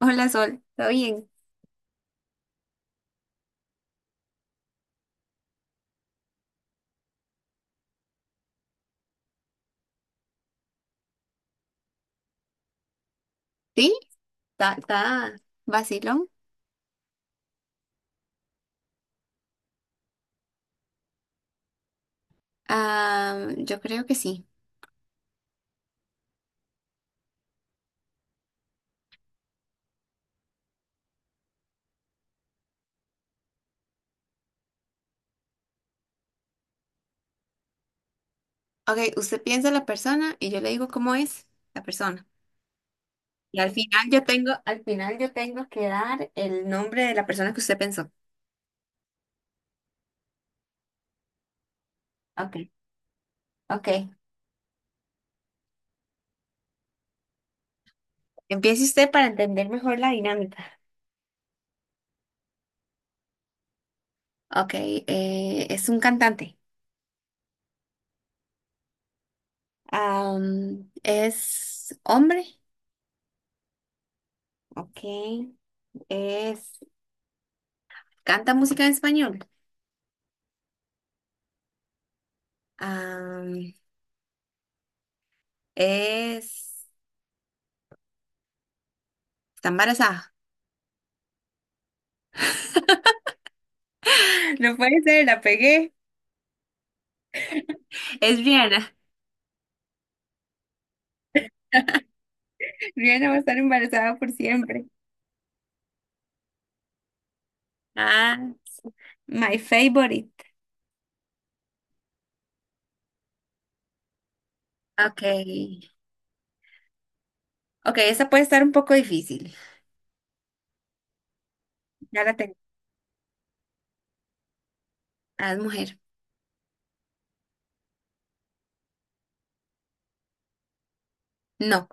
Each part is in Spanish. Hola Sol, ¿todo bien? ¿Sí? ¿¿Está vacilón? Ah, yo creo que sí. Ok, usted piensa la persona y yo le digo cómo es la persona. Y al final yo tengo que dar el nombre de la persona que usted pensó. Ok, ok. Empiece usted para entender mejor la dinámica. Ok, es un cantante. Es hombre. Ok. Es, canta música en español. Am, es, está embarazada. No puede ser, la pegué. Es Rihanna. Rihanna va a estar embarazada por siempre. Ah, my favorite. Ok. Ok, esa puede estar un poco difícil. Ya la tengo. Ah, es mujer. No,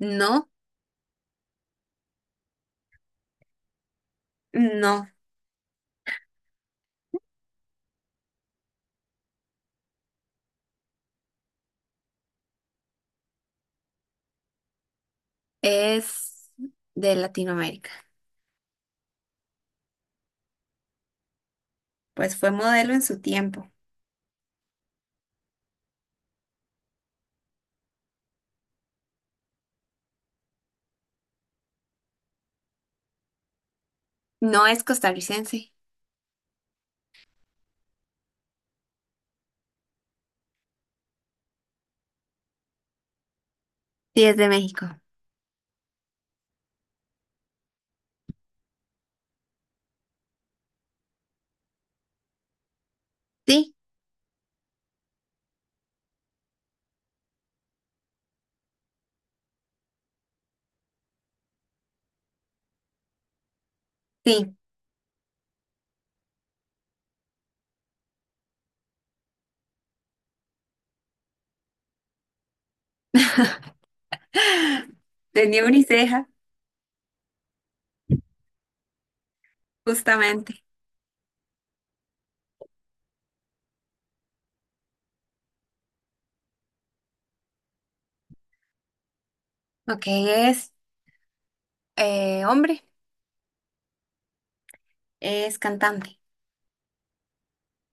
no, no. Es de Latinoamérica. Pues fue modelo en su tiempo. No es costarricense. Sí, es de México. Sí, sí. Tenía uniceja. Justamente. Ok, es hombre, es cantante,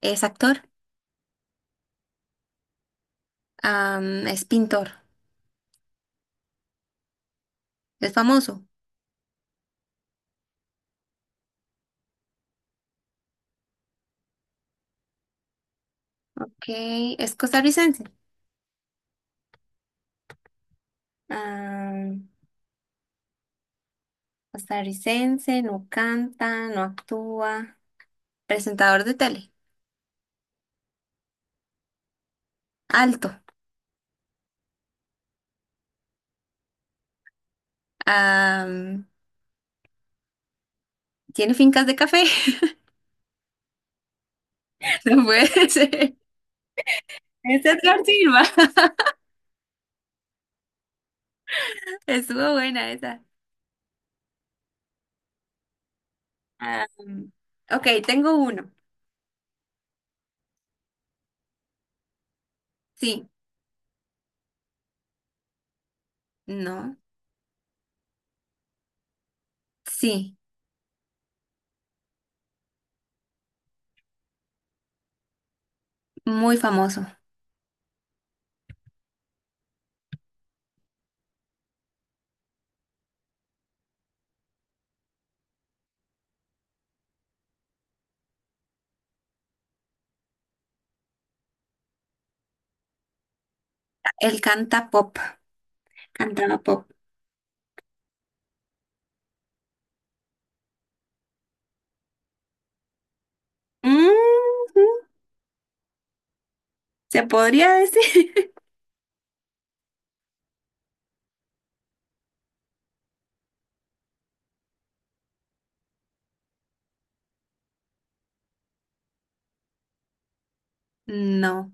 es actor. Es pintor, es famoso. Ok, es costarricense. Am, costarricense, no canta, no actúa. Presentador de tele, alto. Am, tiene fincas de café. No puede ser. Es Edgar Silva. Estuvo buena esa. Am, ok, tengo uno. Sí, no, sí, muy famoso. Él canta pop, cantaba pop. Mm, ¿se podría decir? No.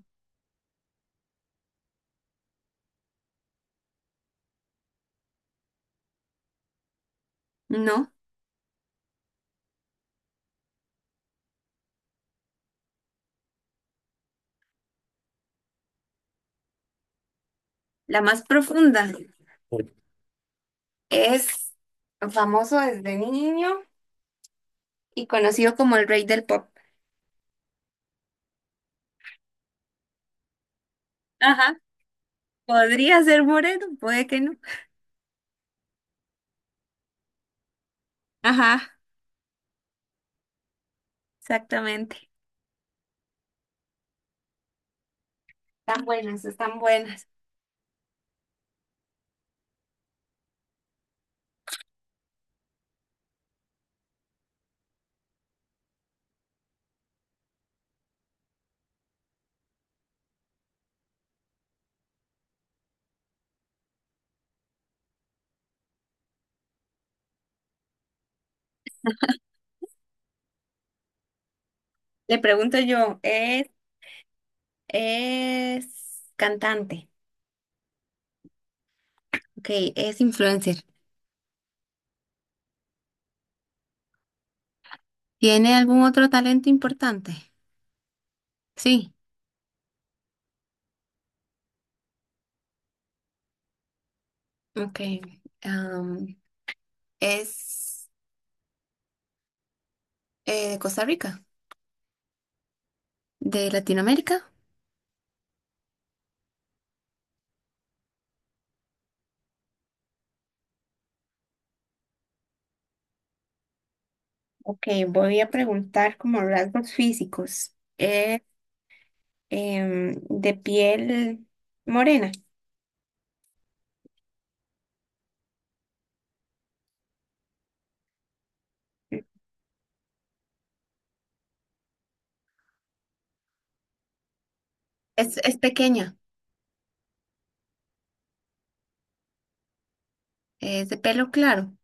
No, la más profunda. Es famoso desde niño y conocido como el rey del pop. Ajá, podría ser moreno, puede que no. Ajá. Exactamente. Están buenas, están buenas. Le pregunto yo, es cantante? Ok, es influencer. ¿Tiene algún otro talento importante? Sí. Ok. am, ¿es de Costa Rica? ¿De Latinoamérica? Ok, voy a preguntar como rasgos físicos. Es de piel morena. Es pequeña. Es de pelo claro.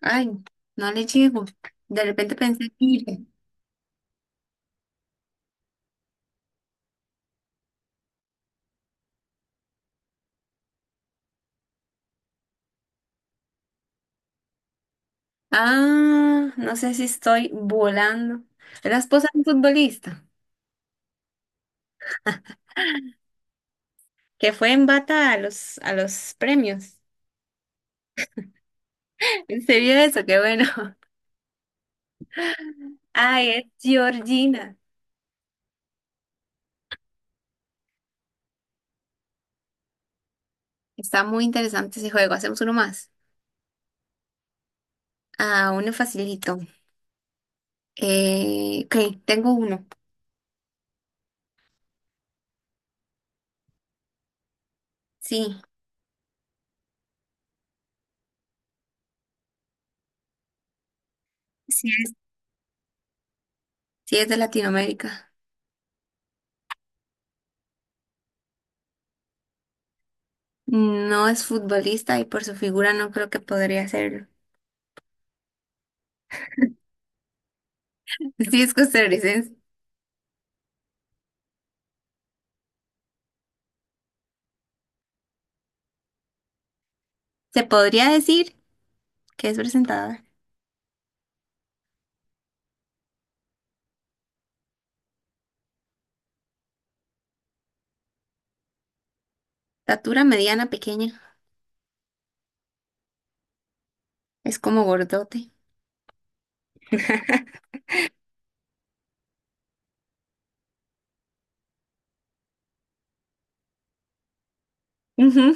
Ay, no le llego. De repente pensé, mire. Ah, no sé si estoy volando. Es la esposa de un futbolista que fue en bata a los premios. ¿Se vio eso? Qué bueno. Ay, es Georgina. Está muy interesante ese juego. Hacemos uno más. Ah, uno facilito. Ok, tengo uno. Sí, sí es, sí es de Latinoamérica. No es futbolista y por su figura no creo que podría serlo. Sí es costarricense. Se podría decir que es presentada. Estatura mediana, pequeña. Es como gordote. Ujú,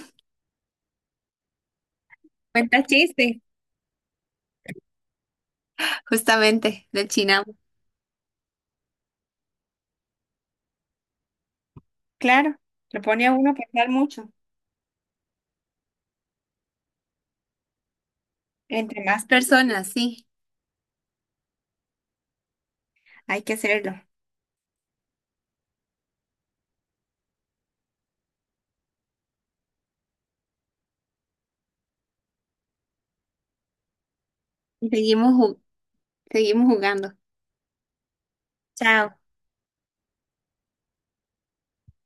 cuenta chiste. Justamente, del Chinamo. Claro, lo pone a uno a pensar mucho. Entre más personas, sí. Hay que hacerlo. Seguimos, ju- seguimos jugando. Chao.